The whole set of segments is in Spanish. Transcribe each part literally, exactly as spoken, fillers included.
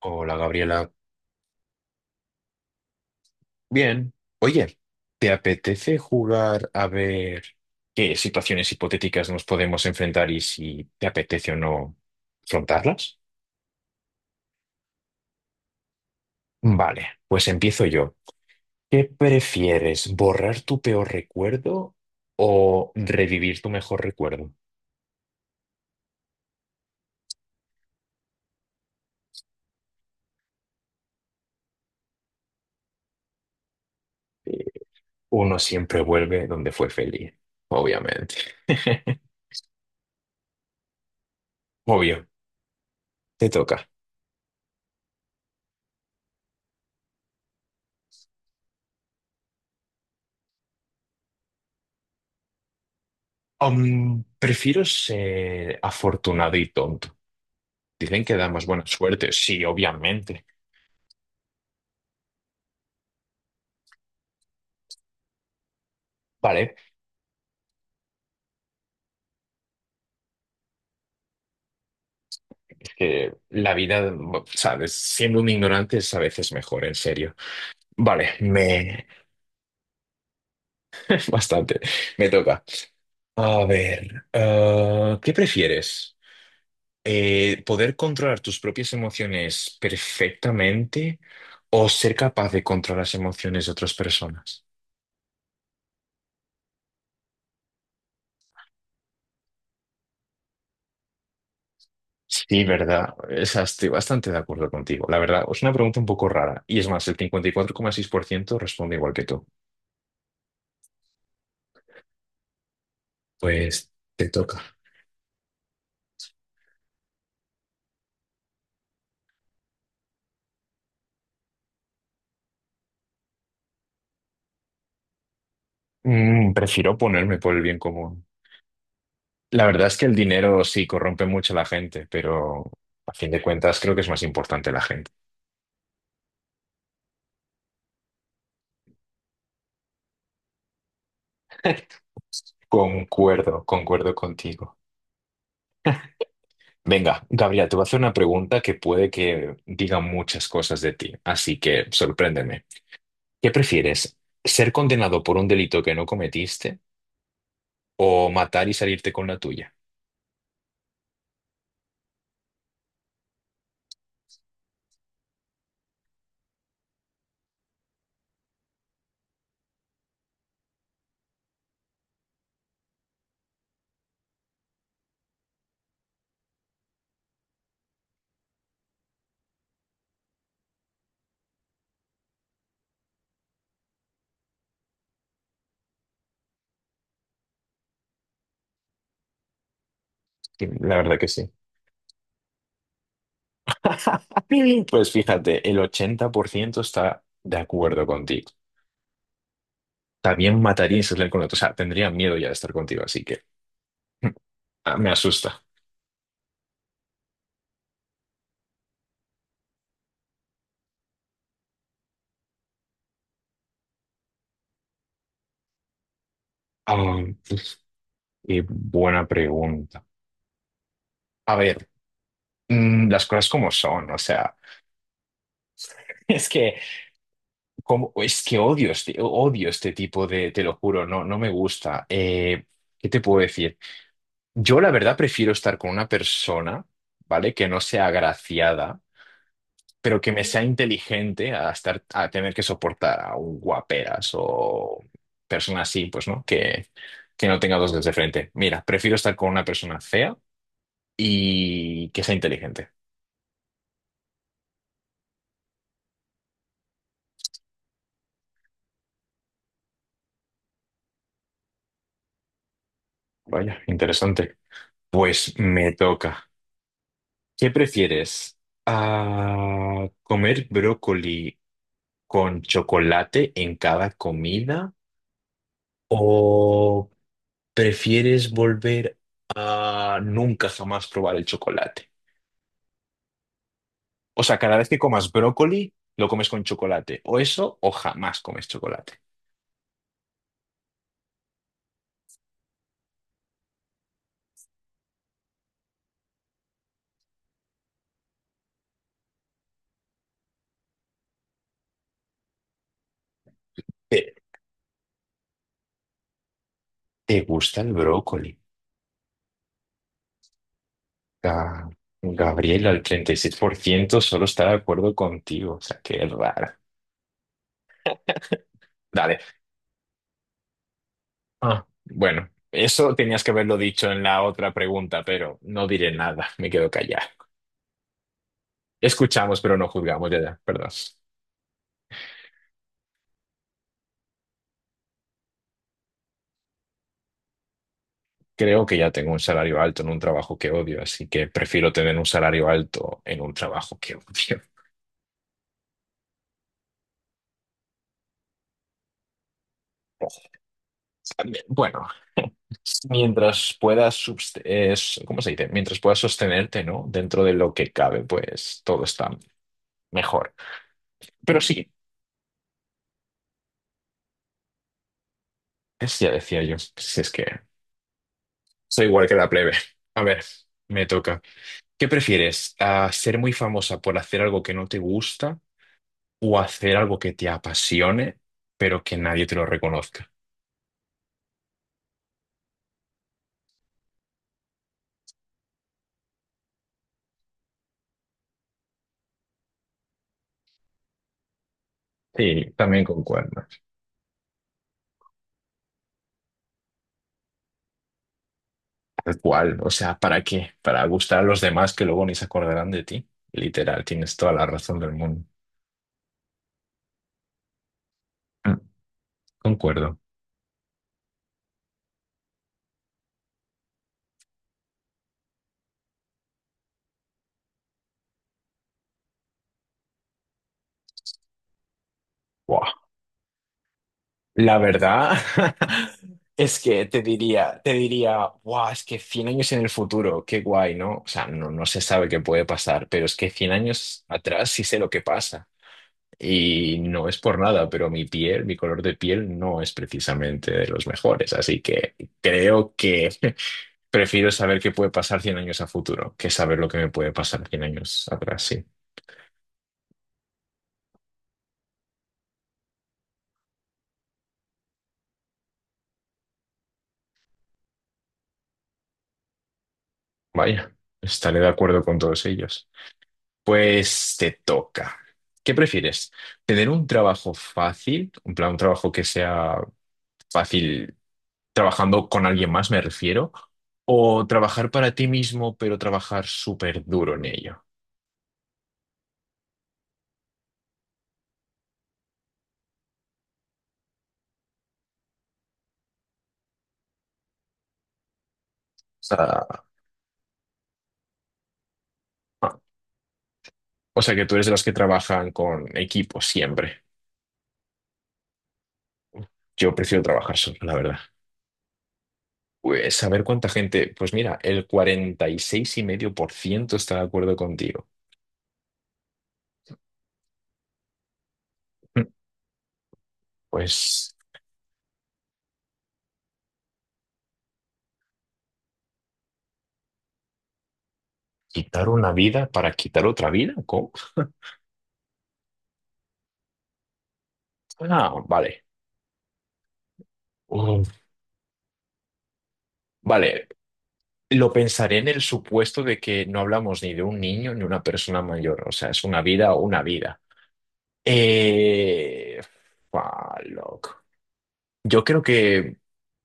Hola Gabriela. Bien. Oye, ¿te apetece jugar a ver qué situaciones hipotéticas nos podemos enfrentar y si te apetece o no afrontarlas? Vale, pues empiezo yo. ¿Qué prefieres, borrar tu peor recuerdo o revivir tu mejor recuerdo? Eh, Uno siempre vuelve donde fue feliz, obviamente. Obvio, te toca. Um, prefiero ser afortunado y tonto. Dicen que da más buena suerte, sí, obviamente. Vale, es que la vida, sabes, siendo un ignorante es a veces mejor, en serio. Vale, me... Bastante, me toca. A ver, ah, ¿qué prefieres? Eh, ¿poder controlar tus propias emociones perfectamente o ser capaz de controlar las emociones de otras personas? Sí, verdad. Esa estoy bastante de acuerdo contigo. La verdad, es una pregunta un poco rara. Y es más, el cincuenta y cuatro coma seis por ciento responde igual que tú. Pues te toca. Mm, prefiero ponerme por el bien común. La verdad es que el dinero sí corrompe mucho a la gente, pero a fin de cuentas creo que es más importante la gente. Concuerdo, concuerdo contigo. Venga, Gabriela, te voy a hacer una pregunta que puede que diga muchas cosas de ti, así que sorpréndeme. ¿Qué prefieres? ¿Ser condenado por un delito que no cometiste o matar y salirte con la tuya? Sí, la verdad que sí. Pues fíjate, el ochenta por ciento está de acuerdo contigo. También mataría y se saldría con otro. O sea, tendría miedo ya de estar contigo, así que ah, me asusta. Ah, qué buena pregunta. A ver, mm, las cosas como son, o sea, es que, como, es que odio este, odio este tipo de, te lo juro, no, no me gusta. Eh, ¿qué te puedo decir? Yo la verdad prefiero estar con una persona, ¿vale? Que no sea agraciada pero que me sea inteligente a estar, a tener que soportar a un guaperas o persona así, pues, ¿no? Que, que no tenga dos dedos de frente. Mira, prefiero estar con una persona fea y que sea inteligente. Vaya, interesante. Pues me toca. ¿Qué prefieres? Ah, ¿comer brócoli con chocolate en cada comida? ¿O prefieres volver a nunca jamás probar el chocolate? O sea, cada vez que comas brócoli, lo comes con chocolate. O eso, o jamás comes chocolate. ¿Te, ¿Te gusta el brócoli? Ga- Gabriela, el treinta y seis por ciento solo está de acuerdo contigo. O sea, qué raro. Dale. Ah, bueno, eso tenías que haberlo dicho en la otra pregunta, pero no diré nada. Me quedo callado. Escuchamos, pero no juzgamos. Ya, ya, perdón. Creo que ya tengo un salario alto en un trabajo que odio, así que prefiero tener un salario alto en un trabajo que odio. También, bueno. Mientras puedas, subs- eh, s- ¿cómo se dice? Mientras puedas sostenerte, ¿no? Dentro de lo que cabe, pues todo está mejor. Pero sí, es- ya decía yo, si es que soy igual que la plebe. A ver, me toca. ¿Qué prefieres? ¿A ¿Ser muy famosa por hacer algo que no te gusta o hacer algo que te apasione, pero que nadie te lo reconozca? Sí, también concuerdo. Tal cual, o sea, ¿para qué? Para gustar a los demás que luego ni se acordarán de ti. Literal, tienes toda la razón del mundo. Concuerdo. Buah, la verdad es que te diría, te diría, guau, es que cien años en el futuro, qué guay, ¿no? O sea, no, no se sabe qué puede pasar, pero es que cien años atrás sí sé lo que pasa. Y no es por nada, pero mi piel, mi color de piel no es precisamente de los mejores. Así que creo que prefiero saber qué puede pasar cien años a futuro que saber lo que me puede pasar cien años atrás, sí. Vaya, estaré de acuerdo con todos ellos. Pues te toca. ¿Qué prefieres? ¿Tener un trabajo fácil, un plan, un trabajo que sea fácil trabajando con alguien más, me refiero, o trabajar para ti mismo, pero trabajar súper duro en ello? O sea, ah, o sea, que tú eres de los que trabajan con equipo siempre. Yo prefiero trabajar solo, la verdad. Pues saber cuánta gente, pues mira, el cuarenta y seis coma cinco por ciento está de acuerdo contigo. Mm, Pues quitar una vida para quitar otra vida, ¿cómo? Ah, vale. Uf. Vale, lo pensaré en el supuesto de que no hablamos ni de un niño ni una persona mayor. O sea, es una vida o una vida. Eh... Fua, loco. Yo creo que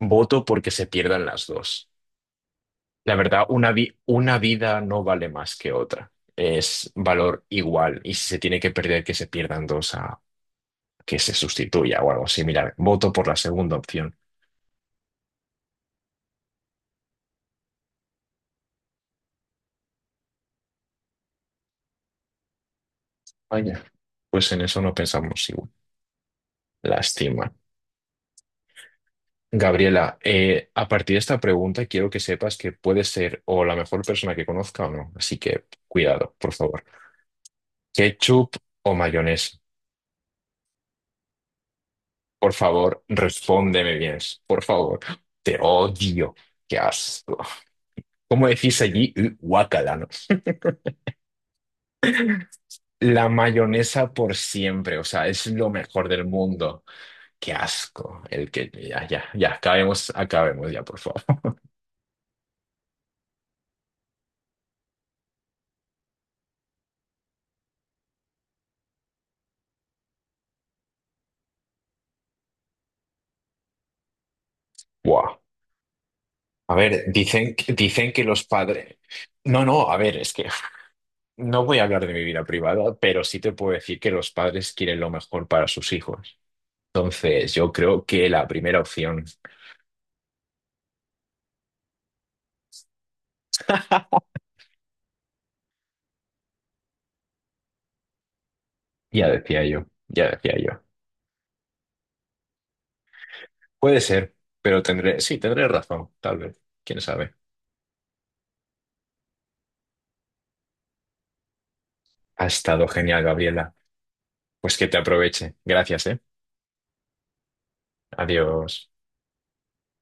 voto porque se pierdan las dos. La verdad, una vi- una vida no vale más que otra. Es valor igual. Y si se tiene que perder, que se pierdan dos a que se sustituya o algo similar. Voto por la segunda opción. Vaya. Pues en eso no pensamos igual. Lástima. Gabriela, eh, a partir de esta pregunta quiero que sepas que puedes ser o la mejor persona que conozca o no. Así que cuidado, por favor. ¿Ketchup o mayonesa? Por favor, respóndeme bien. Por favor, te odio. Qué asco. ¿Cómo decís allí? Uh, guácala, ¿no? La mayonesa por siempre, o sea, es lo mejor del mundo. Qué asco. El que ya, ya, ya, acabemos, acabemos ya, por favor. Guau. A ver, dicen, que- dicen que los padres. No, no, a ver, es que no voy a hablar de mi vida privada, pero sí te puedo decir que los padres quieren lo mejor para sus hijos. Entonces, yo creo que la primera opción, ya decía yo, ya decía yo. Puede ser, pero tendré, sí, tendré razón, tal vez. ¿Quién sabe? Ha estado genial, Gabriela. Pues que te aproveche. Gracias, ¿eh? Adiós.